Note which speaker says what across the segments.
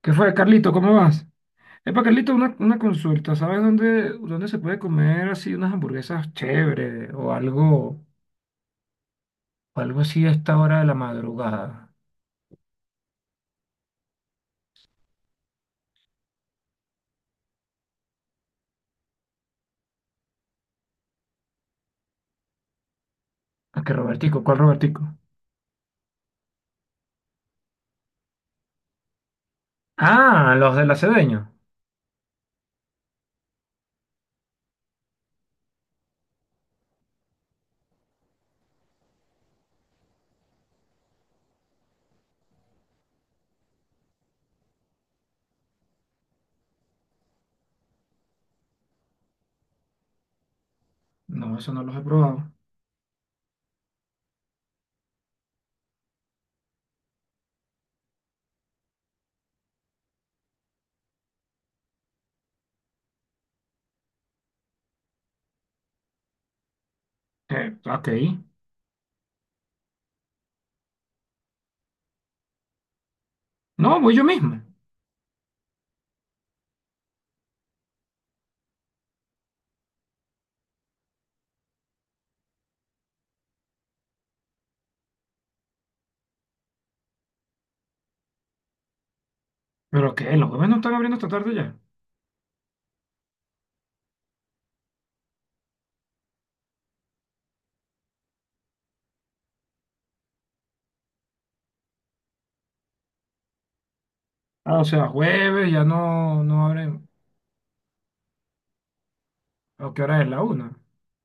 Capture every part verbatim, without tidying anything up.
Speaker 1: ¿Qué fue, Carlito? ¿Cómo vas? Epa, Carlito, una, una consulta. ¿Sabes dónde, dónde se puede comer así unas hamburguesas chéveres o algo, o algo así a esta hora de la madrugada? ¿A qué Robertico? ¿Cuál Robertico? Ah, los del Acedeño. No, eso no los he probado. Eh, ok. No, voy yo mismo. ¿Pero qué? ¿Los jueves no están abriendo esta tarde ya? Ah, o sea, jueves ya no, no abren. ¿A qué hora es? ¿La una?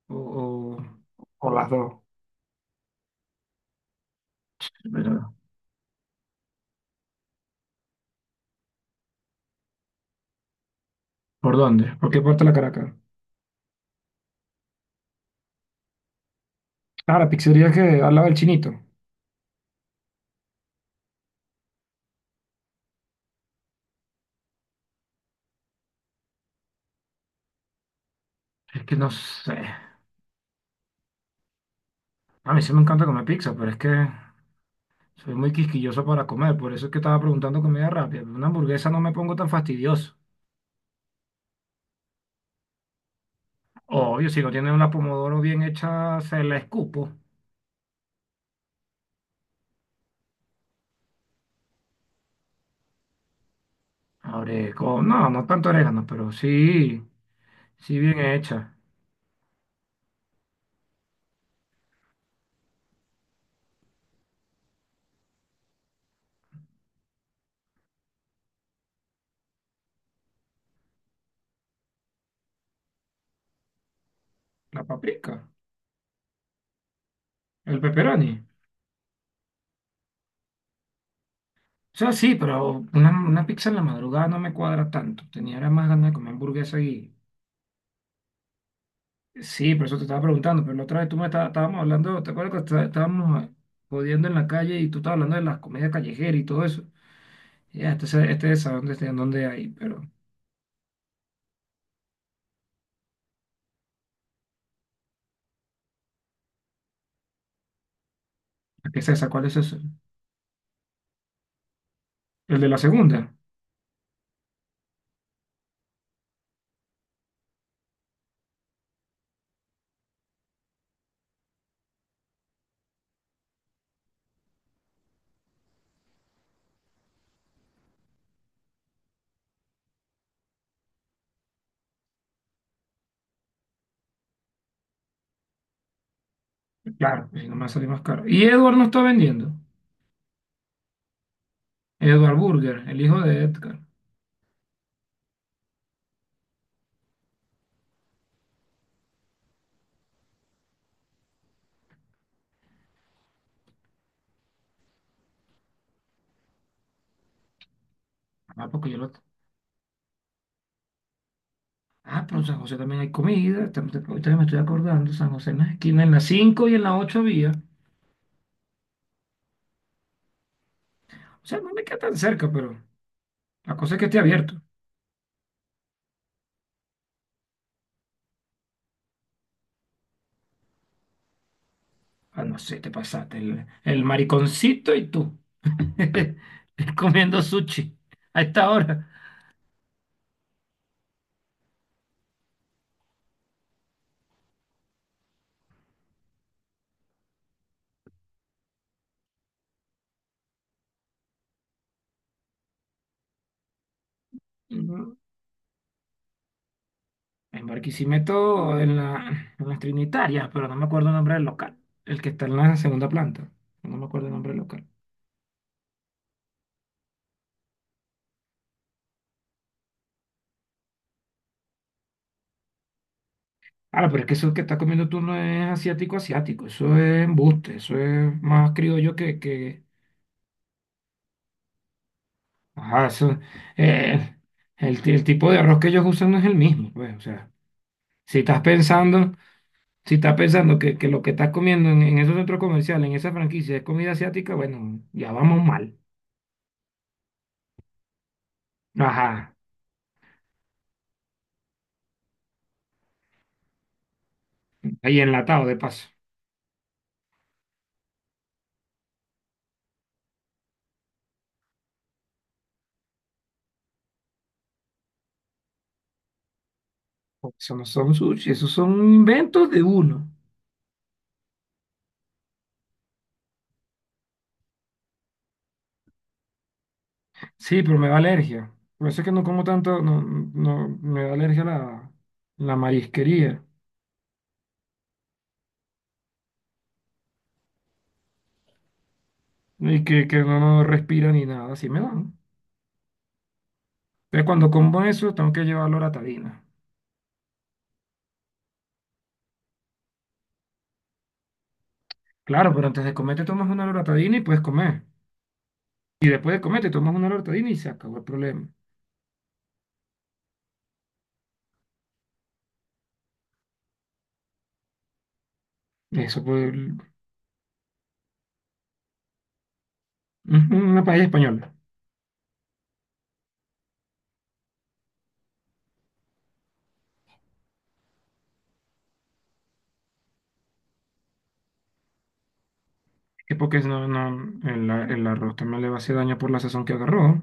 Speaker 1: ¿O, o, o las dos? Pero, ¿por dónde? ¿Por qué parte de la Caracas? Ah, la pizzería que hablaba el chinito. Es que no sé. A mí sí me encanta comer pizza, pero es que soy muy quisquilloso para comer. Por eso es que estaba preguntando comida rápida. Una hamburguesa no me pongo tan fastidioso. Obvio, si no tiene una pomodoro bien hecha, se la escupo. Ahora, con- no, no tanto orégano, pero sí, sí bien hecha. La paprika, el pepperoni. O sea, sí, pero una, una pizza en la madrugada no me cuadra tanto. Tenía era más ganas de comer hamburguesa. Sí, por eso te estaba preguntando, pero la otra vez tú me estabas, estábamos hablando, ¿te acuerdas que está- estábamos eh, jodiendo en la calle y tú estabas hablando de las comidas callejeras y todo eso? Ya, este, se- este es a dónde está, en dónde hay, pero ¿qué es esa? ¿Cuál es ese? El de la segunda, claro, si no me va a salir más caro. Y Edward no está vendiendo, Edward Burger, el hijo de Edgar. Ah, porque yo lo... Ah, pero en San José también hay comida, tam- tam- ahorita me estoy acordando, San José en la esquina, en la cinco y en la ocho había. O sea, no me queda tan cerca, pero la cosa es que esté abierto. Ah, no sé, te pasaste. El, el mariconcito y tú. Comiendo sushi a esta hora. Ujú. En Barquisimeto, en la, en las Trinitarias, pero no me acuerdo el nombre del local. El que está en la segunda planta. No me acuerdo el nombre del local. Ahora, pero es que eso que estás comiendo tú no es asiático, asiático. Eso es embuste. Eso es más criollo que, que... Ajá, eso... eh, el, ti- el tipo de arroz que ellos usan no es el mismo, pues. O sea, si estás pensando... Si estás pensando que, que lo que estás comiendo en, en esos centros comerciales, en esa franquicia, es comida asiática, bueno, ya vamos mal. Ajá, ahí enlatado de paso. Porque eso no son sushi, esos son inventos de uno. Sí, pero me da alergia. Por eso es que no como tanto, no, no, me da alergia la, la marisquería. Y que, que no, no respira ni nada, así me dan. Entonces cuando como eso, tengo que llevar loratadina. Claro, pero antes de comer te tomas una loratadina y puedes comer. Y después de comer te tomas una loratadina y se acabó el problema. Eso pues, ujú, una paella española. Que porque si no, no, el, a- el arroz también le va a hacer daño por la sazón que agarró.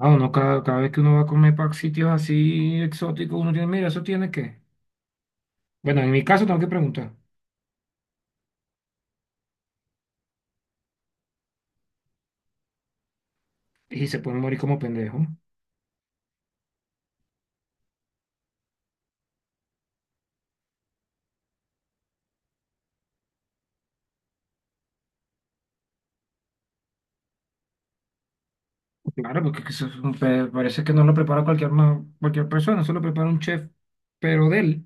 Speaker 1: Ah, uno cada, cada vez que uno va a comer para sitios así exóticos, uno tiene, mira, eso tiene que. Bueno, en mi caso tengo que preguntar. Y se puede morir como pendejo. Claro, porque eso es un pe- parece que no lo prepara cualquier, ma- cualquier persona, solo prepara un chef, pero de él.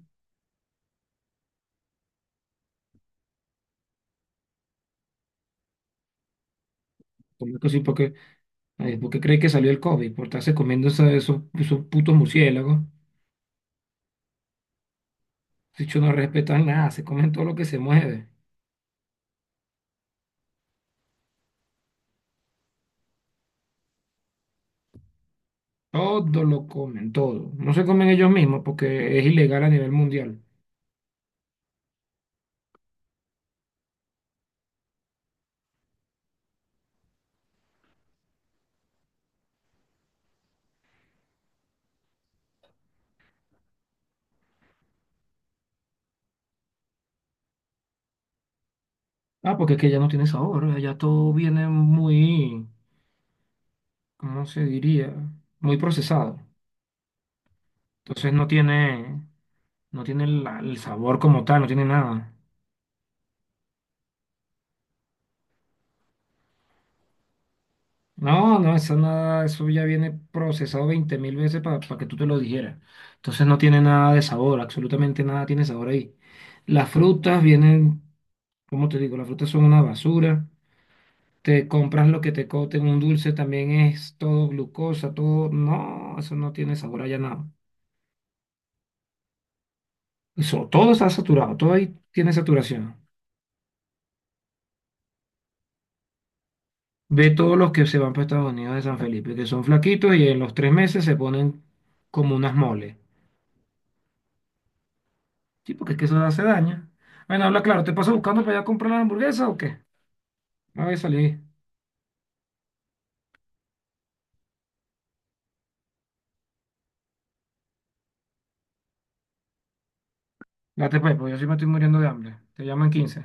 Speaker 1: Como que sí, porque, ay, porque cree que salió el COVID, por estarse comiendo esa- esos, esos putos murciélagos. De hecho, no respetan nada, se comen todo lo que se mueve. Todo lo comen, todo. No se comen ellos mismos porque es ilegal a nivel mundial. Ah, porque es que ya no tiene sabor, ¿eh? Ya todo viene muy, ¿cómo se diría? Muy procesado. Entonces no tiene, no tiene la- el sabor como tal, no tiene nada. No, no, eso nada, eso ya viene procesado veinte mil veces para que tú te lo dijeras. Entonces no tiene nada de sabor, absolutamente nada tiene sabor ahí. Las frutas vienen, como te digo, las frutas son una basura. Te compras lo que te coten, un dulce también es todo glucosa, todo, no, eso no tiene sabor allá nada. Eso, todo está saturado, todo ahí tiene saturación. Ve todos los que se van para Estados Unidos de San Felipe, que son flaquitos y en los tres meses se ponen como unas moles. Sí, porque es que eso hace daño. Bueno, habla claro, ¿te paso buscando para allá a comprar la hamburguesa o qué? A ver, salí. Date pues, porque yo sí me estoy muriendo de hambre. Te llaman quince